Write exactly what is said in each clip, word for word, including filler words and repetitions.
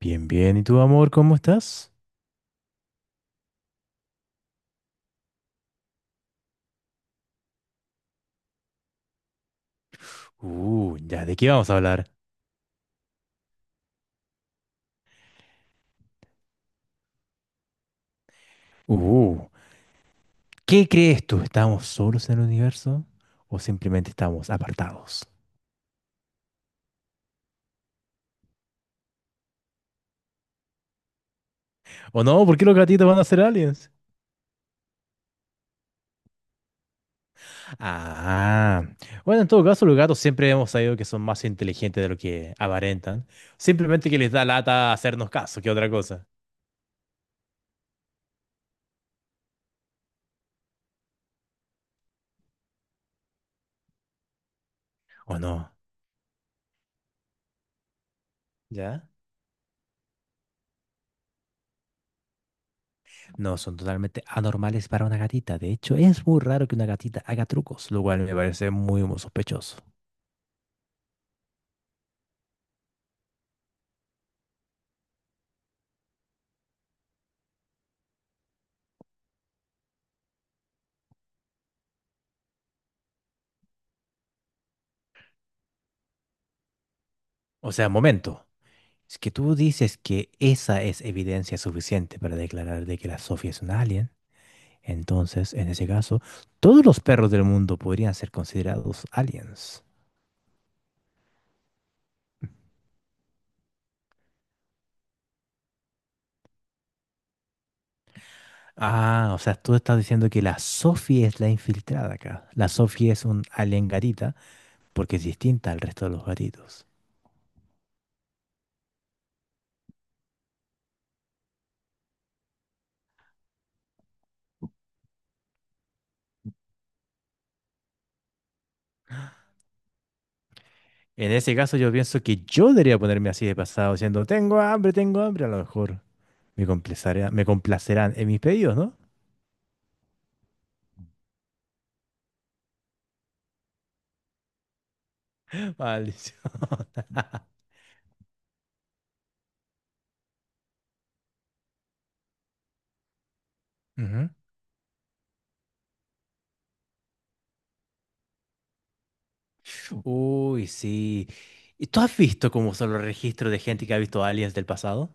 Bien, bien. ¿Y tú, amor, cómo estás? Uh, ya, ¿de qué vamos a hablar? Uh, ¿qué crees tú? ¿Estamos solos en el universo? ¿O simplemente estamos apartados? ¿O no? ¿Por qué los gatitos van a ser aliens? Ah, bueno, en todo caso, los gatos siempre hemos sabido que son más inteligentes de lo que aparentan. Simplemente que les da lata hacernos caso, que otra cosa. ¿O no? ¿Ya? No, son totalmente anormales para una gatita. De hecho, es muy raro que una gatita haga trucos, lo cual me parece muy, muy sospechoso. O sea, momento. Es que tú dices que esa es evidencia suficiente para declarar de que la Sofía es un alien. Entonces, en ese caso, todos los perros del mundo podrían ser considerados aliens. Ah, o sea, tú estás diciendo que la Sophie es la infiltrada acá. La Sophie es un alien gatita porque es distinta al resto de los gatitos. En ese caso, yo pienso que yo debería ponerme así de pasado, diciendo, tengo hambre, tengo hambre. A lo mejor me complacerán, me complacerán en mis pedidos, ¿no? Maldición. Ujú. Uy, sí. ¿Y tú has visto cómo son los registros de gente que ha visto aliens del pasado?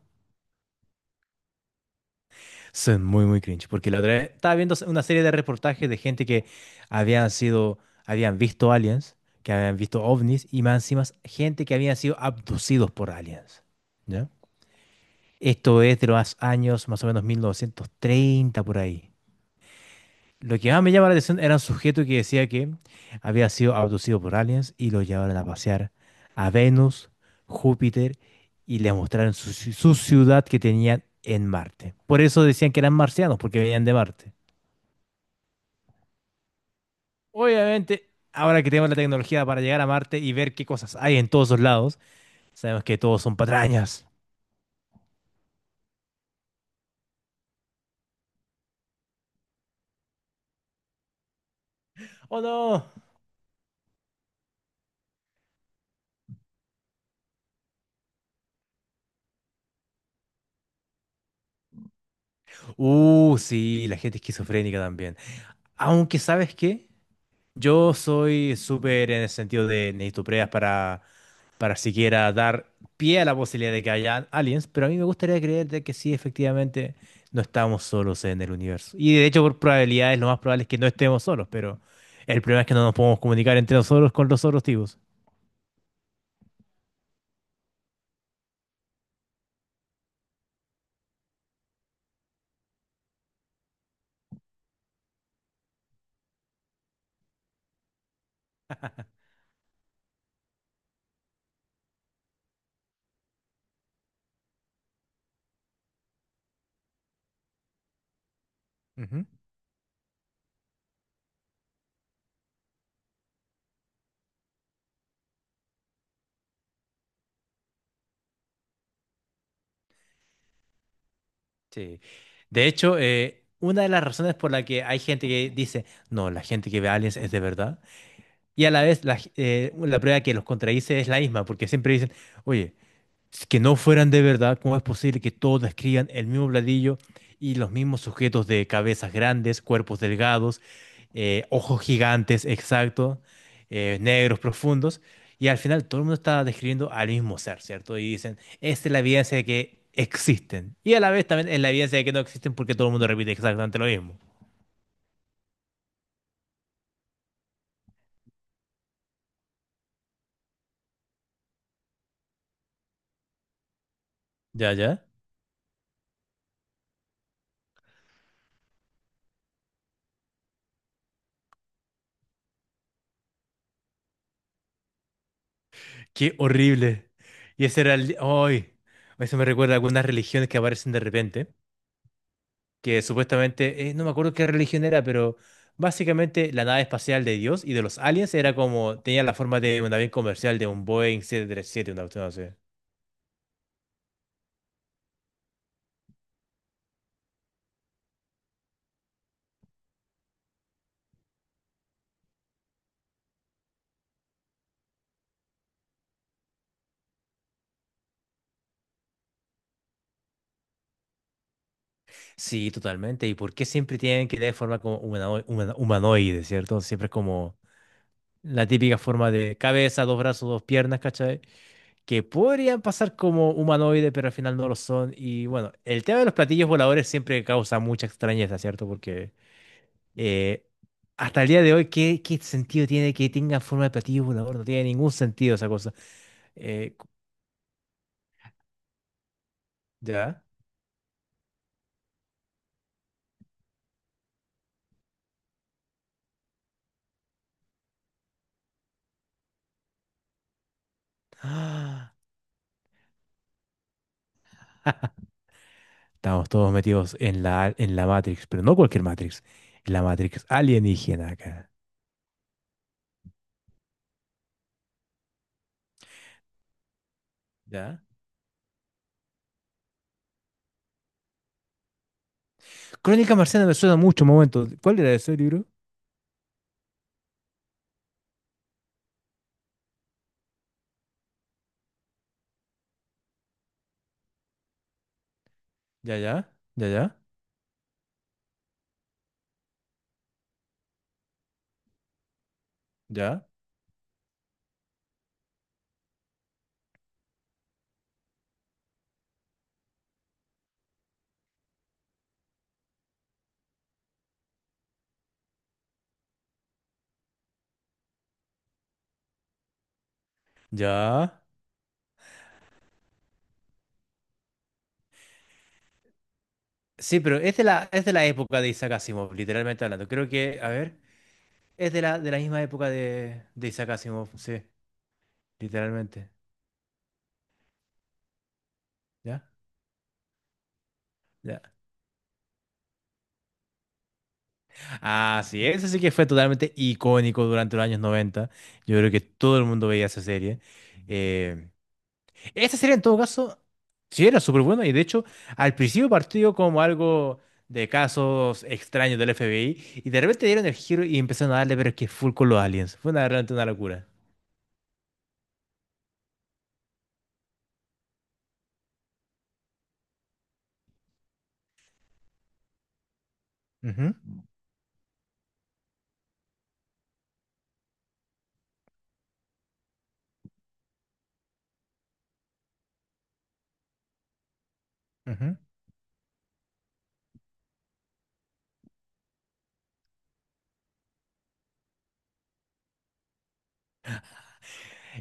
Son muy, muy cringe, porque la otra vez estaba viendo una serie de reportajes de gente que habían sido, habían visto aliens, que habían visto ovnis, y más encima gente que habían sido abducidos por aliens. ¿Ya? Esto es de los años más o menos mil novecientos treinta por ahí. Lo que más me llama la atención era un sujeto que decía que había sido abducido por aliens y lo llevaron a pasear a Venus, Júpiter y le mostraron su, ci- su ciudad que tenían en Marte. Por eso decían que eran marcianos, porque venían de Marte. Obviamente, ahora que tenemos la tecnología para llegar a Marte y ver qué cosas hay en todos los lados, sabemos que todos son patrañas. ¡Oh no! Uh, sí, la gente esquizofrénica también. Aunque, ¿sabes qué? Yo soy súper en el sentido de necesito pruebas para, para siquiera dar pie a la posibilidad de que haya aliens, pero a mí me gustaría creer de que sí, efectivamente, no estamos solos en el universo. Y de hecho, por probabilidades, lo más probable es que no estemos solos, pero el problema es que no nos podemos comunicar entre nosotros con los otros tipos. Ujú. Sí. De hecho, eh, una de las razones por la que hay gente que dice, no, la gente que ve aliens es de verdad, y a la vez la, g- eh, la prueba que los contradice es la misma, porque siempre dicen, oye, que no fueran de verdad, ¿cómo es posible que todos describan el mismo bladillo y los mismos sujetos de cabezas grandes, cuerpos delgados, eh, ojos gigantes, exacto, eh, negros profundos? Y al final todo el mundo está describiendo al mismo ser, ¿cierto? Y dicen, esta es la evidencia de que existen. Y a la vez también es la evidencia de que no existen porque todo el mundo repite exactamente lo mismo. Ya, ya. Qué horrible. Y ese era el... ¡Ay! Eso me recuerda a algunas religiones que aparecen de repente que supuestamente, eh, no me acuerdo qué religión era, pero básicamente la nave espacial de Dios y de los aliens era como, tenía la forma de un avión comercial, de un Boeing siete treinta y siete, una cuestión así. Sí, totalmente. ¿Y por qué siempre tienen que tener forma como humano- humano- humanoide, ¿cierto? Siempre es como la típica forma de cabeza, dos brazos, dos piernas, ¿cachai? Que podrían pasar como humanoide, pero al final no lo son. Y bueno, el tema de los platillos voladores siempre causa mucha extrañeza, ¿cierto? Porque... Eh, hasta el día de hoy, ¿qué, qué sentido tiene que tenga forma de platillo volador? No tiene ningún sentido esa cosa. Eh, cu- ¿ya? Ah, estamos todos metidos en la, en la Matrix, pero no cualquier Matrix. La Matrix alienígena acá. ¿Ya? Crónica Marciana me suena mucho, un momento. ¿Cuál era ese libro? Ya, ya, ya, ya, ya, ya. Sí, pero es de la, es de la época de Isaac Asimov, literalmente hablando. Creo que, a ver, es de la, de la misma época de, de Isaac Asimov, sí, literalmente. ¿Ya? Ya. Así es, así que fue totalmente icónico durante los años noventa. Yo creo que todo el mundo veía esa serie. Eh, esa serie, en todo caso, sí era súper buena y de hecho, al principio partió como algo de casos extraños del F B I y de repente dieron el giro y empezaron a darle, pero es que full con los aliens. Fue una, realmente una locura. Ujú, ujú.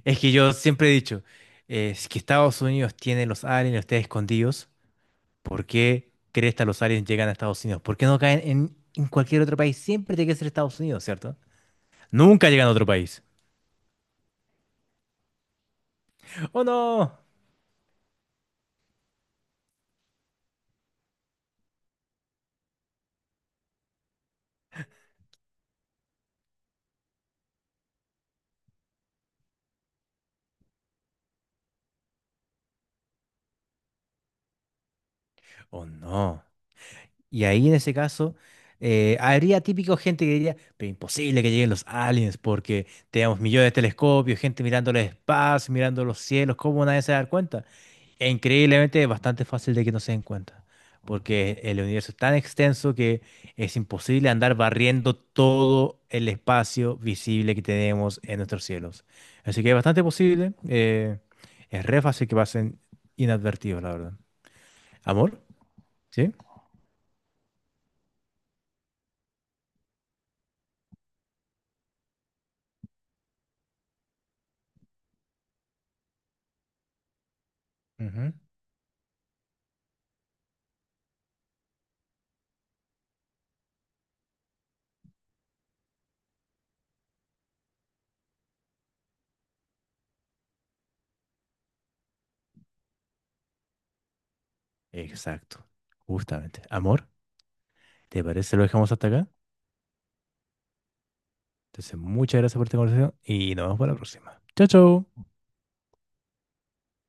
Es que yo siempre he dicho, eh, si es que Estados Unidos tiene los aliens, los tiene escondidos, ¿por qué crees que los aliens llegan a Estados Unidos? ¿Por qué no caen en, en cualquier otro país? Siempre tiene que ser Estados Unidos, ¿cierto? Nunca llegan a otro país. ¡Oh no! ¡Oh no! Y ahí en ese caso, eh, habría típico gente que diría, pero imposible que lleguen los aliens porque tenemos millones de telescopios, gente mirando el espacio, mirando los cielos, ¿cómo nadie se va a dar cuenta? E increíblemente es bastante fácil de que no se den cuenta, porque el universo es tan extenso que es imposible andar barriendo todo el espacio visible que tenemos en nuestros cielos. Así que es bastante posible, eh, es re fácil que pasen inadvertidos, la verdad. ¿Amor? Sí. Ujú. Exacto, justamente. Amor, ¿te parece si lo dejamos hasta acá? Entonces, muchas gracias por esta conversación y nos vemos para la próxima. Chao, chao.